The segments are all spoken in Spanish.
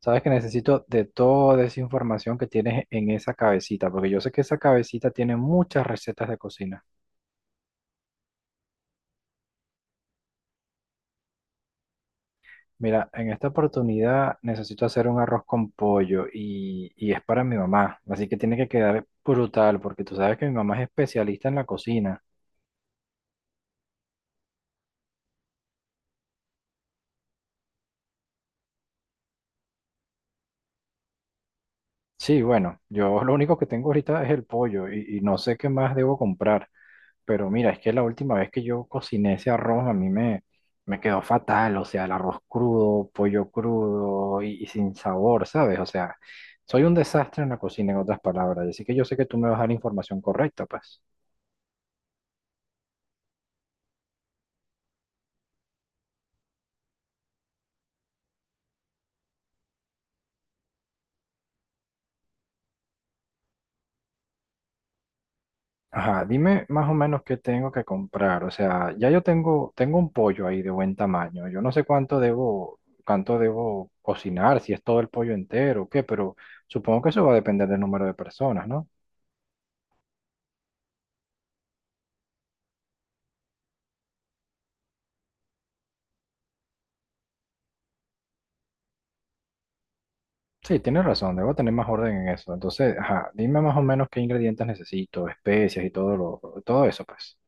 Sabes que necesito de toda esa información que tienes en esa cabecita, porque yo sé que esa cabecita tiene muchas recetas de cocina. Mira, en esta oportunidad necesito hacer un arroz con pollo y es para mi mamá, así que tiene que quedar brutal, porque tú sabes que mi mamá es especialista en la cocina. Sí, bueno, yo lo único que tengo ahorita es el pollo y no sé qué más debo comprar. Pero mira, es que la última vez que yo cociné ese arroz a me quedó fatal, o sea, el arroz crudo, pollo crudo y sin sabor, ¿sabes? O sea, soy un desastre en la cocina, en otras palabras, así que yo sé que tú me vas a dar la información correcta, pues. Ajá, dime más o menos qué tengo que comprar, o sea, ya yo tengo un pollo ahí de buen tamaño, yo no sé cuánto cuánto debo cocinar, si es todo el pollo entero o qué, pero supongo que eso va a depender del número de personas, ¿no? Sí, tienes razón, debo tener más orden en eso. Entonces, ajá, dime más o menos qué ingredientes necesito, especias y todo eso, pues.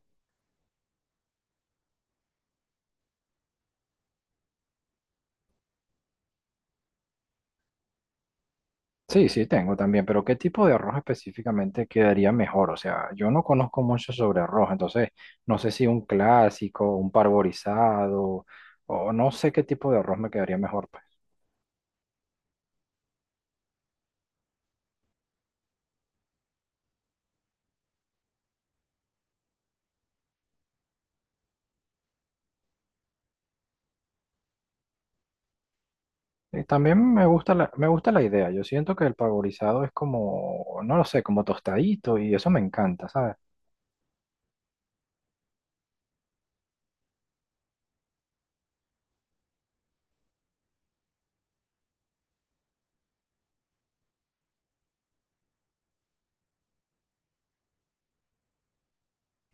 Sí, sí, tengo también, pero ¿qué tipo de arroz específicamente quedaría mejor? O sea, yo no conozco mucho sobre arroz, entonces no sé si un clásico, un parborizado, o no sé qué tipo de arroz me quedaría mejor, pues. Y también me gusta me gusta la idea. Yo siento que el parborizado es como, no lo sé, como tostadito y eso me encanta, ¿sabes?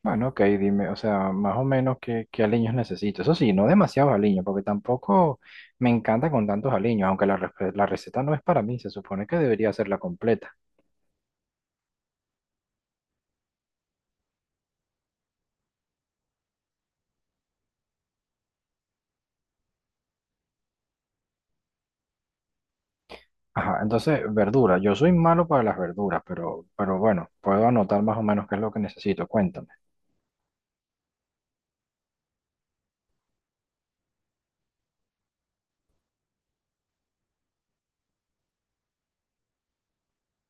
Bueno, ok, dime, o sea, más o menos qué aliños necesito. Eso sí, no demasiados aliños, porque tampoco me encanta con tantos aliños, aunque la receta no es para mí, se supone que debería ser la completa. Ajá, entonces, verdura. Yo soy malo para las verduras, pero bueno, puedo anotar más o menos qué es lo que necesito. Cuéntame.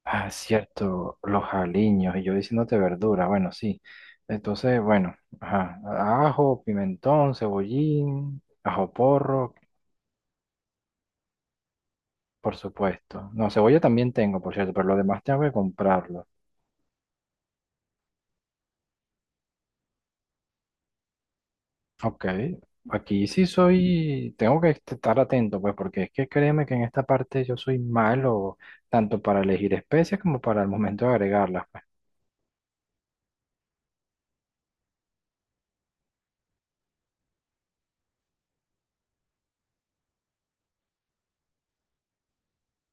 Ah, cierto, los aliños, y yo diciéndote verdura, bueno, sí. Entonces, bueno, ajá, ajo, pimentón, cebollín, ajo porro. Por supuesto. No, cebolla también tengo, por cierto, pero lo demás tengo que comprarlo. Ok. Aquí sí soy, tengo que estar atento, pues, porque es que créeme que en esta parte yo soy malo, tanto para elegir especies como para el momento de agregarlas, pues.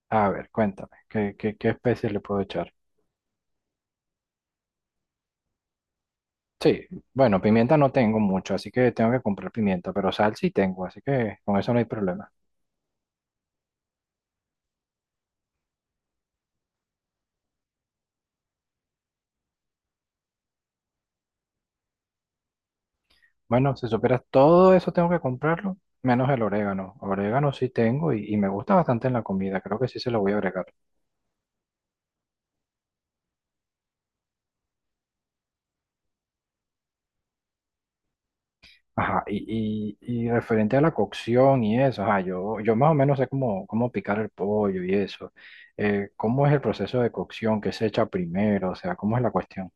A ver, cuéntame, qué especies le puedo echar? Sí, bueno, pimienta no tengo mucho, así que tengo que comprar pimienta, pero sal sí tengo, así que con eso no hay problema. Bueno, si superas todo eso tengo que comprarlo, menos el orégano. Orégano sí tengo y me gusta bastante en la comida, creo que sí se lo voy a agregar. Ajá, y referente a la cocción y eso, ajá, yo más o menos sé cómo picar el pollo y eso. ¿Cómo es el proceso de cocción? ¿Qué se echa primero? O sea, ¿cómo es la cuestión?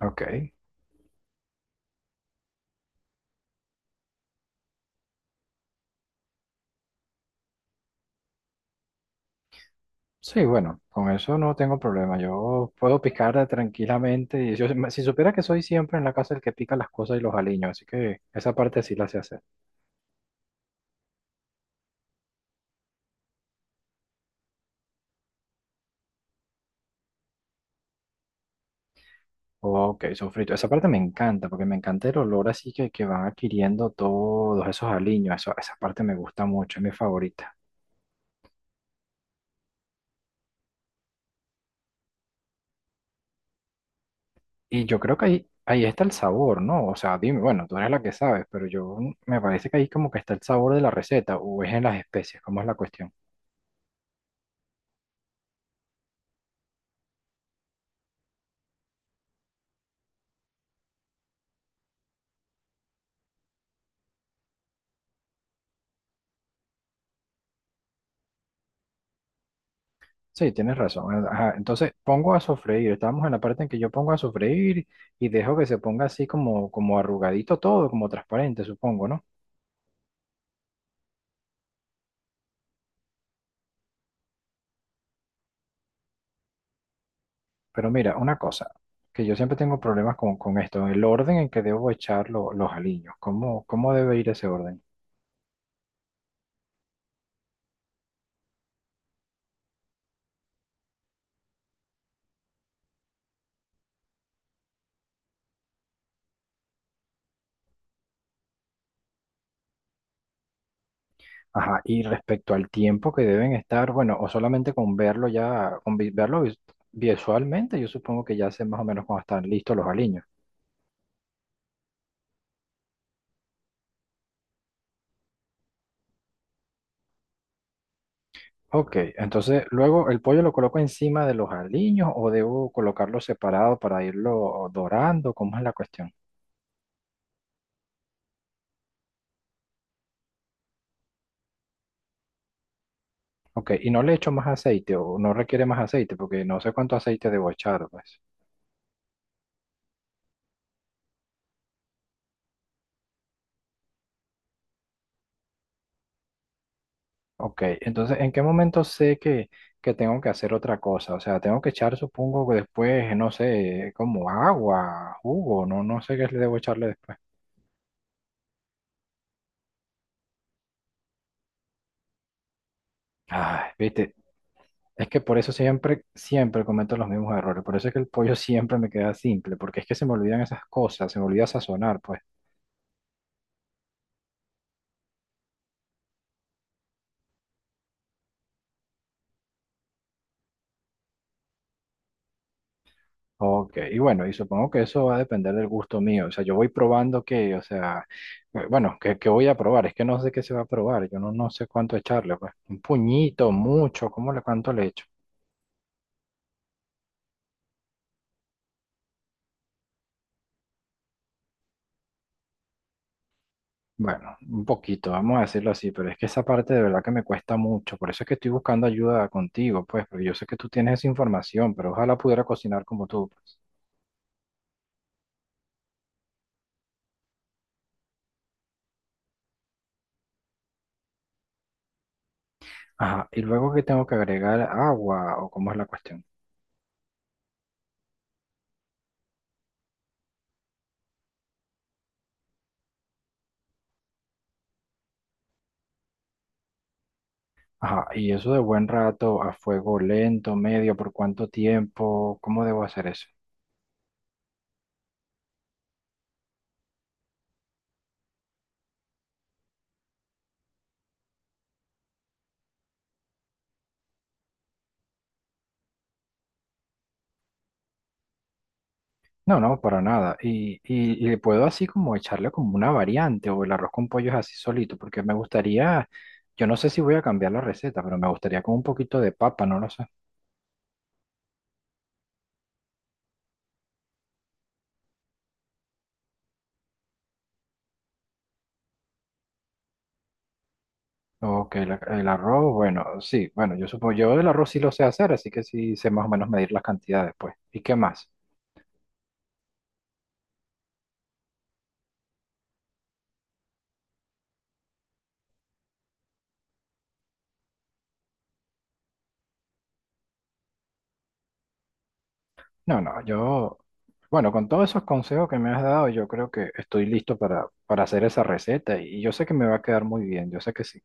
Ok. Sí, bueno, con eso no tengo problema. Yo puedo picar tranquilamente. Y yo- si supiera que soy siempre en la casa el que pica las cosas y los aliños, así que esa parte sí la sé hacer. Ok, sofrito. Esa parte me encanta, porque me encanta el olor así que van adquiriendo todos esos aliños. Eso, esa parte me gusta mucho, es mi favorita. Y yo creo que ahí está el sabor, ¿no? O sea, dime, bueno, tú eres la que sabes, pero yo me parece que ahí como que está el sabor de la receta, o es en las especies, ¿cómo es la cuestión? Sí, tienes razón. Ajá, entonces pongo a sofreír. Estamos en la parte en que yo pongo a sofreír y dejo que se ponga así como, como arrugadito todo, como transparente, supongo, ¿no? Pero mira, una cosa, que yo siempre tengo problemas con esto, el orden en que debo echar los aliños, cómo debe ir ese orden? Ajá, y respecto al tiempo que deben estar, bueno, o solamente con verlo ya, con visualmente, yo supongo que ya sé más o menos cuando están listos los aliños. Ok, entonces luego el pollo lo coloco encima de los aliños o debo colocarlo separado para irlo dorando, ¿cómo es la cuestión? Ok, y no le echo más aceite o no requiere más aceite porque no sé cuánto aceite debo echar, pues. Ok, entonces, ¿en qué momento sé que tengo que hacer otra cosa? O sea, tengo que echar, supongo que después, no sé, como agua, jugo, no sé qué le debo echarle después. Ay, viste, es que por eso siempre cometo los mismos errores. Por eso es que el pollo siempre me queda simple, porque es que se me olvidan esas cosas, se me olvida sazonar, pues. Ok, y bueno, y supongo que eso va a depender del gusto mío. O sea, yo voy probando que, o sea, bueno, que voy a probar. Es que no sé qué se va a probar. Yo no sé cuánto echarle, pues. Un puñito, mucho, ¿cómo le cuánto le echo? Bueno, un poquito, vamos a decirlo así, pero es que esa parte de verdad que me cuesta mucho. Por eso es que estoy buscando ayuda contigo, pues, porque yo sé que tú tienes esa información, pero ojalá pudiera cocinar como tú, pues. Ajá, y luego que tengo que agregar agua, o cómo es la cuestión. Ajá, y eso de buen rato a fuego lento, medio, ¿por cuánto tiempo? ¿Cómo debo hacer eso? No, no, para nada. Y le puedo así como echarle como una variante o el arroz con pollo es así solito, porque me gustaría, yo no sé si voy a cambiar la receta, pero me gustaría con un poquito de papa, no lo sé. Ok, el arroz, bueno, sí, bueno, yo supongo, yo el arroz sí lo sé hacer, así que sí sé más o menos medir las cantidades, pues. ¿Y qué más? No, no, yo, bueno, con todos esos consejos que me has dado, yo creo que estoy listo para hacer esa receta y yo sé que me va a quedar muy bien, yo sé que sí.